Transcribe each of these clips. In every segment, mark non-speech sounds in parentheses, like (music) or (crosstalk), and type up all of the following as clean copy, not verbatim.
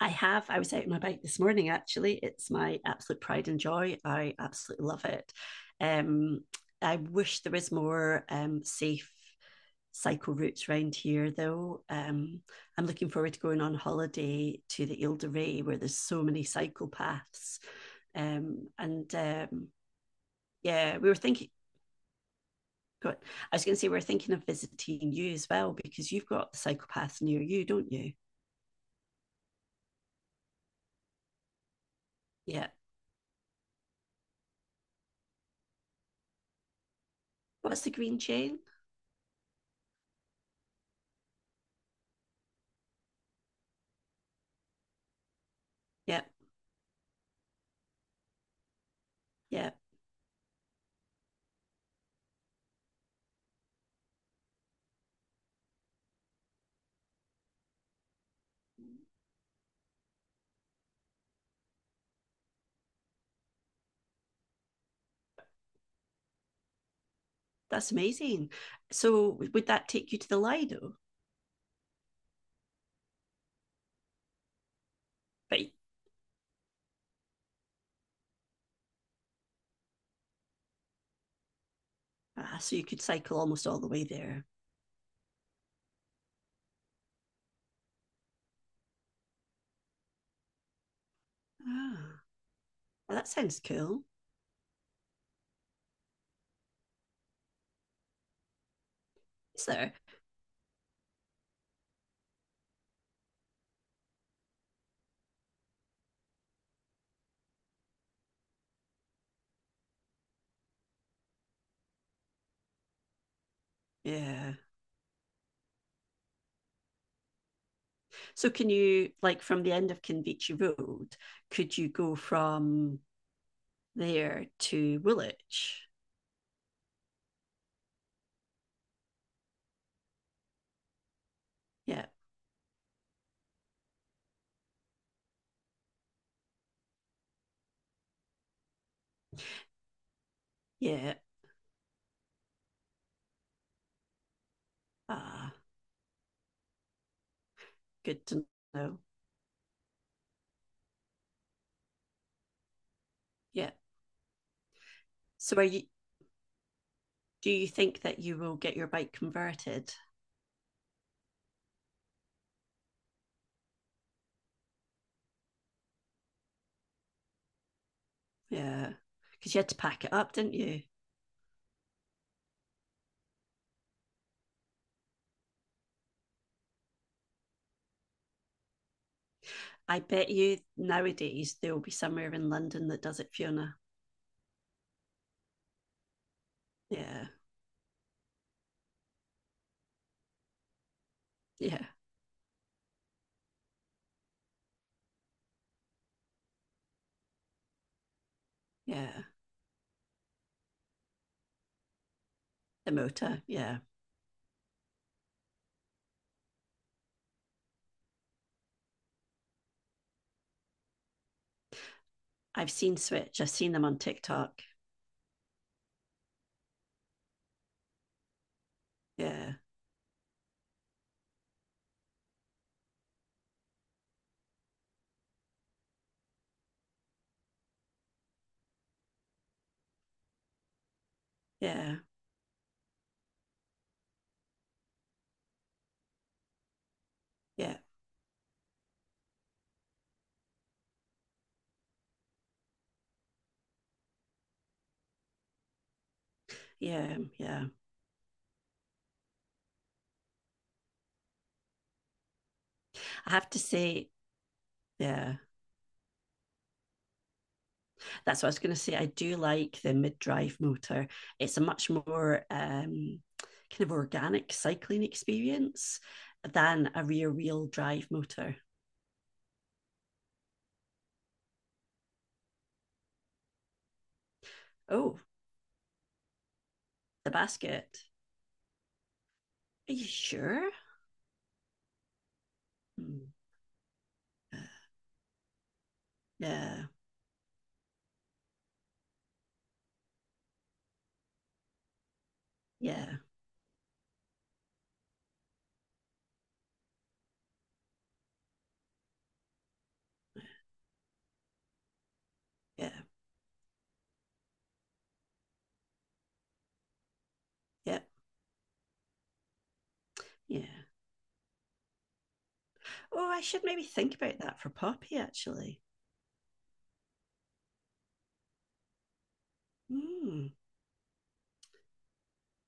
I have. I was out on my bike this morning, actually. It's my absolute pride and joy. I absolutely love it. Um, I wish there was more safe cycle routes around here, though. I'm looking forward to going on holiday to the Ile de Ré, where there's so many cycle paths. And Yeah, we were thinking. Got, I was going to say we're thinking of visiting you as well because you've got the cycle path near you, don't you? Yeah. What's the green chain? Yeah, yeah. That's amazing. So would that take you to the Lido? Right. Ah, so you could cycle almost all the way there. Ah, well, that sounds cool. Is there? Yeah. So can you, like, from the end of Kinvichi Road, could you go from there to Woolwich? Yeah. Yeah. Ah, good to know. Yeah. So are you, do you think that you will get your bike converted? Yeah. Because you had to pack it up, didn't you? I bet you nowadays there will be somewhere in London that does it, Fiona. Yeah, yeah, yeah. The motor, yeah. I've seen Switch. I've seen them on TikTok. Yeah, yeah, yeah, yeah, yeah. I have to say, yeah, that's what I was going to say. I do like the mid-drive motor. It's a much more kind of organic cycling experience than a rear-wheel drive motor. Oh, the basket. Are you sure? Hmm. Yeah, yeah, yeah, yeah, yeah, yeah. Oh, I should maybe think about that for Poppy, actually. Mm,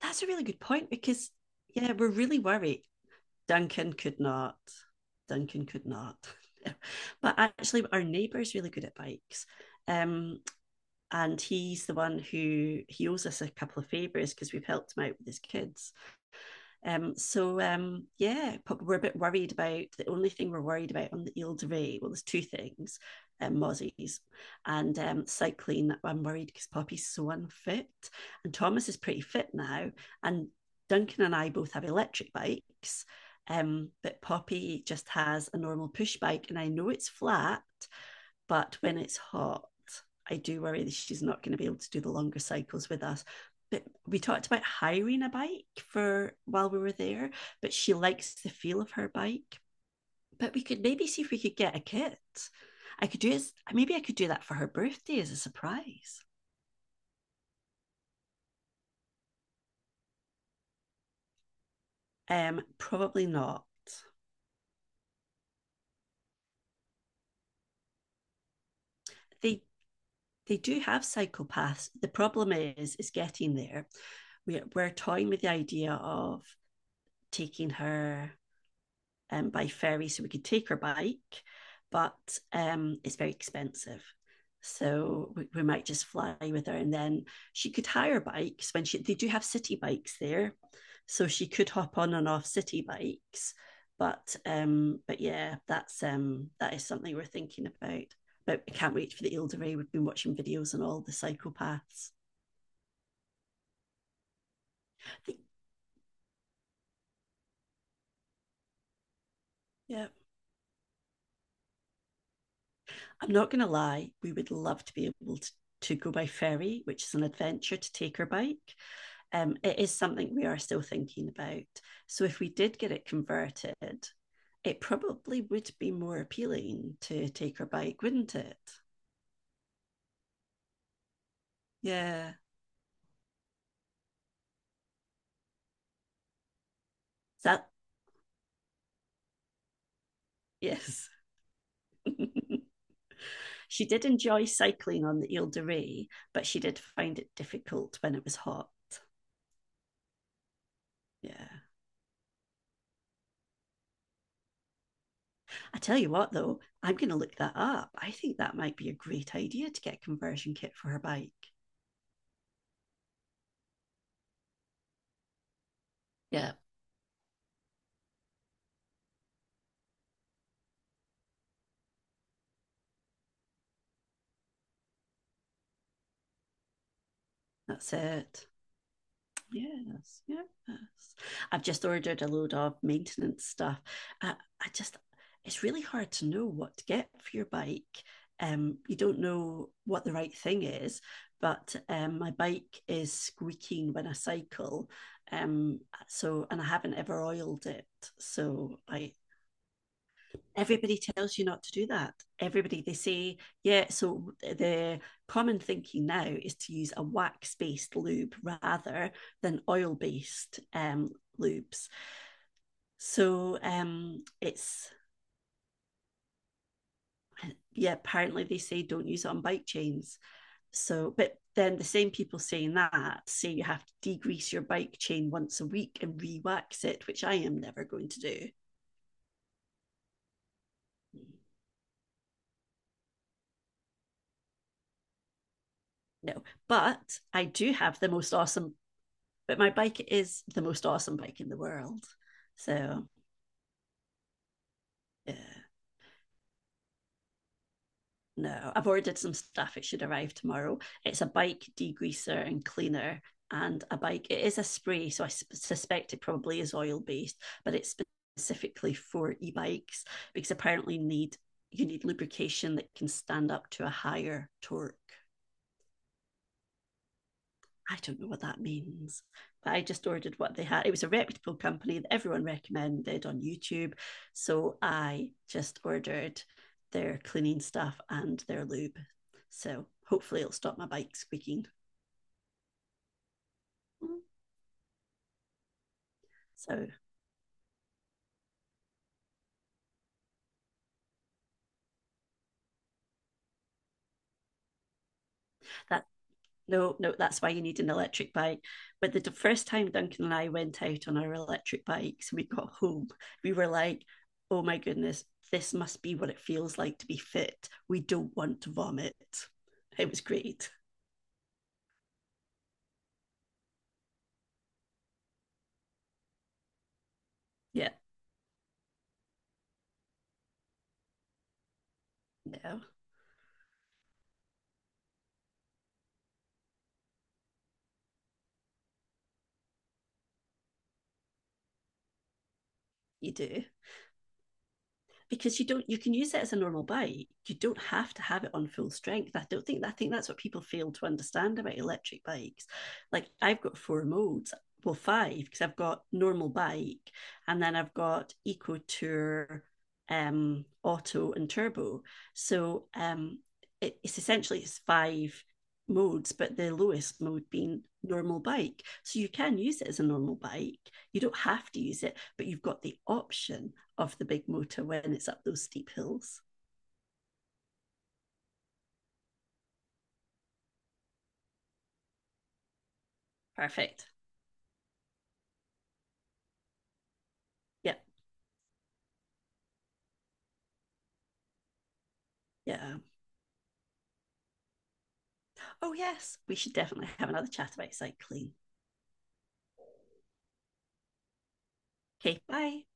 that's a really good point because, yeah, we're really worried. Duncan could not. Duncan could not. (laughs) But actually, our neighbour's really good at bikes. Um, and he's the one who he owes us a couple of favours because we've helped him out with his kids. Yeah, we're a bit worried about the only thing we're worried about on the Ile de Ré. Well, there's two things: mozzies and cycling. I'm worried because Poppy's so unfit, and Thomas is pretty fit now. And Duncan and I both have electric bikes, but Poppy just has a normal push bike, and I know it's flat, but when it's hot, I do worry that she's not going to be able to do the longer cycles with us. But we talked about hiring a bike for while we were there, but she likes the feel of her bike. But we could maybe see if we could get a kit. I could do as maybe I could do that for her birthday as a surprise. Probably not. They they do have cycle paths. The problem is getting there. We're toying with the idea of taking her by ferry, so we could take our bike, but it's very expensive. So we might just fly with her, and then she could hire bikes when she. They do have city bikes there, so she could hop on and off city bikes. But yeah, that is something we're thinking about. But I can't wait for the Ilderay. We've been watching videos on all the psychopaths. I think, yeah, I'm not going to lie. We would love to be able to go by ferry, which is an adventure to take her bike. It is something we are still thinking about. So if we did get it converted, it probably would be more appealing to take her bike, wouldn't it? Yeah. that Yes. (laughs) She did enjoy cycling on the Ile de Ré, but she did find it difficult when it was hot. Yeah. I tell you what though, I'm gonna look that up. I think that might be a great idea to get a conversion kit for her bike. Yeah, that's it. Yes, yes. I've just ordered a load of maintenance stuff. I, I just, it's really hard to know what to get for your bike. You don't know what the right thing is, but my bike is squeaking when I cycle. Um, so, and I haven't ever oiled it. So I, Everybody tells you not to do that. Everybody They say yeah. So the common thinking now is to use a wax based lube rather than oil based lubes. So it's Yeah, apparently they say don't use it on bike chains, so but then the same people saying that say you have to degrease your bike chain once a week and re-wax it, which I am never going to do. No, but I do have the most awesome. But my bike is the most awesome bike in the world. So yeah, no, I've ordered some stuff. It should arrive tomorrow. It's a bike degreaser and cleaner and a bike. It is a spray, so I suspect it probably is oil based, but it's specifically for e-bikes because apparently need you need lubrication that can stand up to a higher torque. I don't know what that means. But I just ordered what they had. It was a reputable company that everyone recommended on YouTube. So I just ordered their cleaning stuff and their lube. So hopefully it'll stop my bike squeaking. So that No, no, that's why you need an electric bike. But the first time Duncan and I went out on our electric bikes, we got home. We were like, oh my goodness, this must be what it feels like to be fit. We don't want to vomit. It was great. Yeah, yeah, you do. Because you don't, you can use it as a normal bike. You don't have to have it on full strength. I don't think, I think that's what people fail to understand about electric bikes. Like, I've got 4 modes, well 5, because I've got normal bike, and then I've got eco, tour, auto and turbo. so um it's essentially it's 5 modes, but the lowest mode being normal bike. So you can use it as a normal bike. You don't have to use it, but you've got the option of the big motor when it's up those steep hills. Perfect. Yeah. Yeah. Oh, yes. We should definitely have another chat about cycling. Okay. Bye.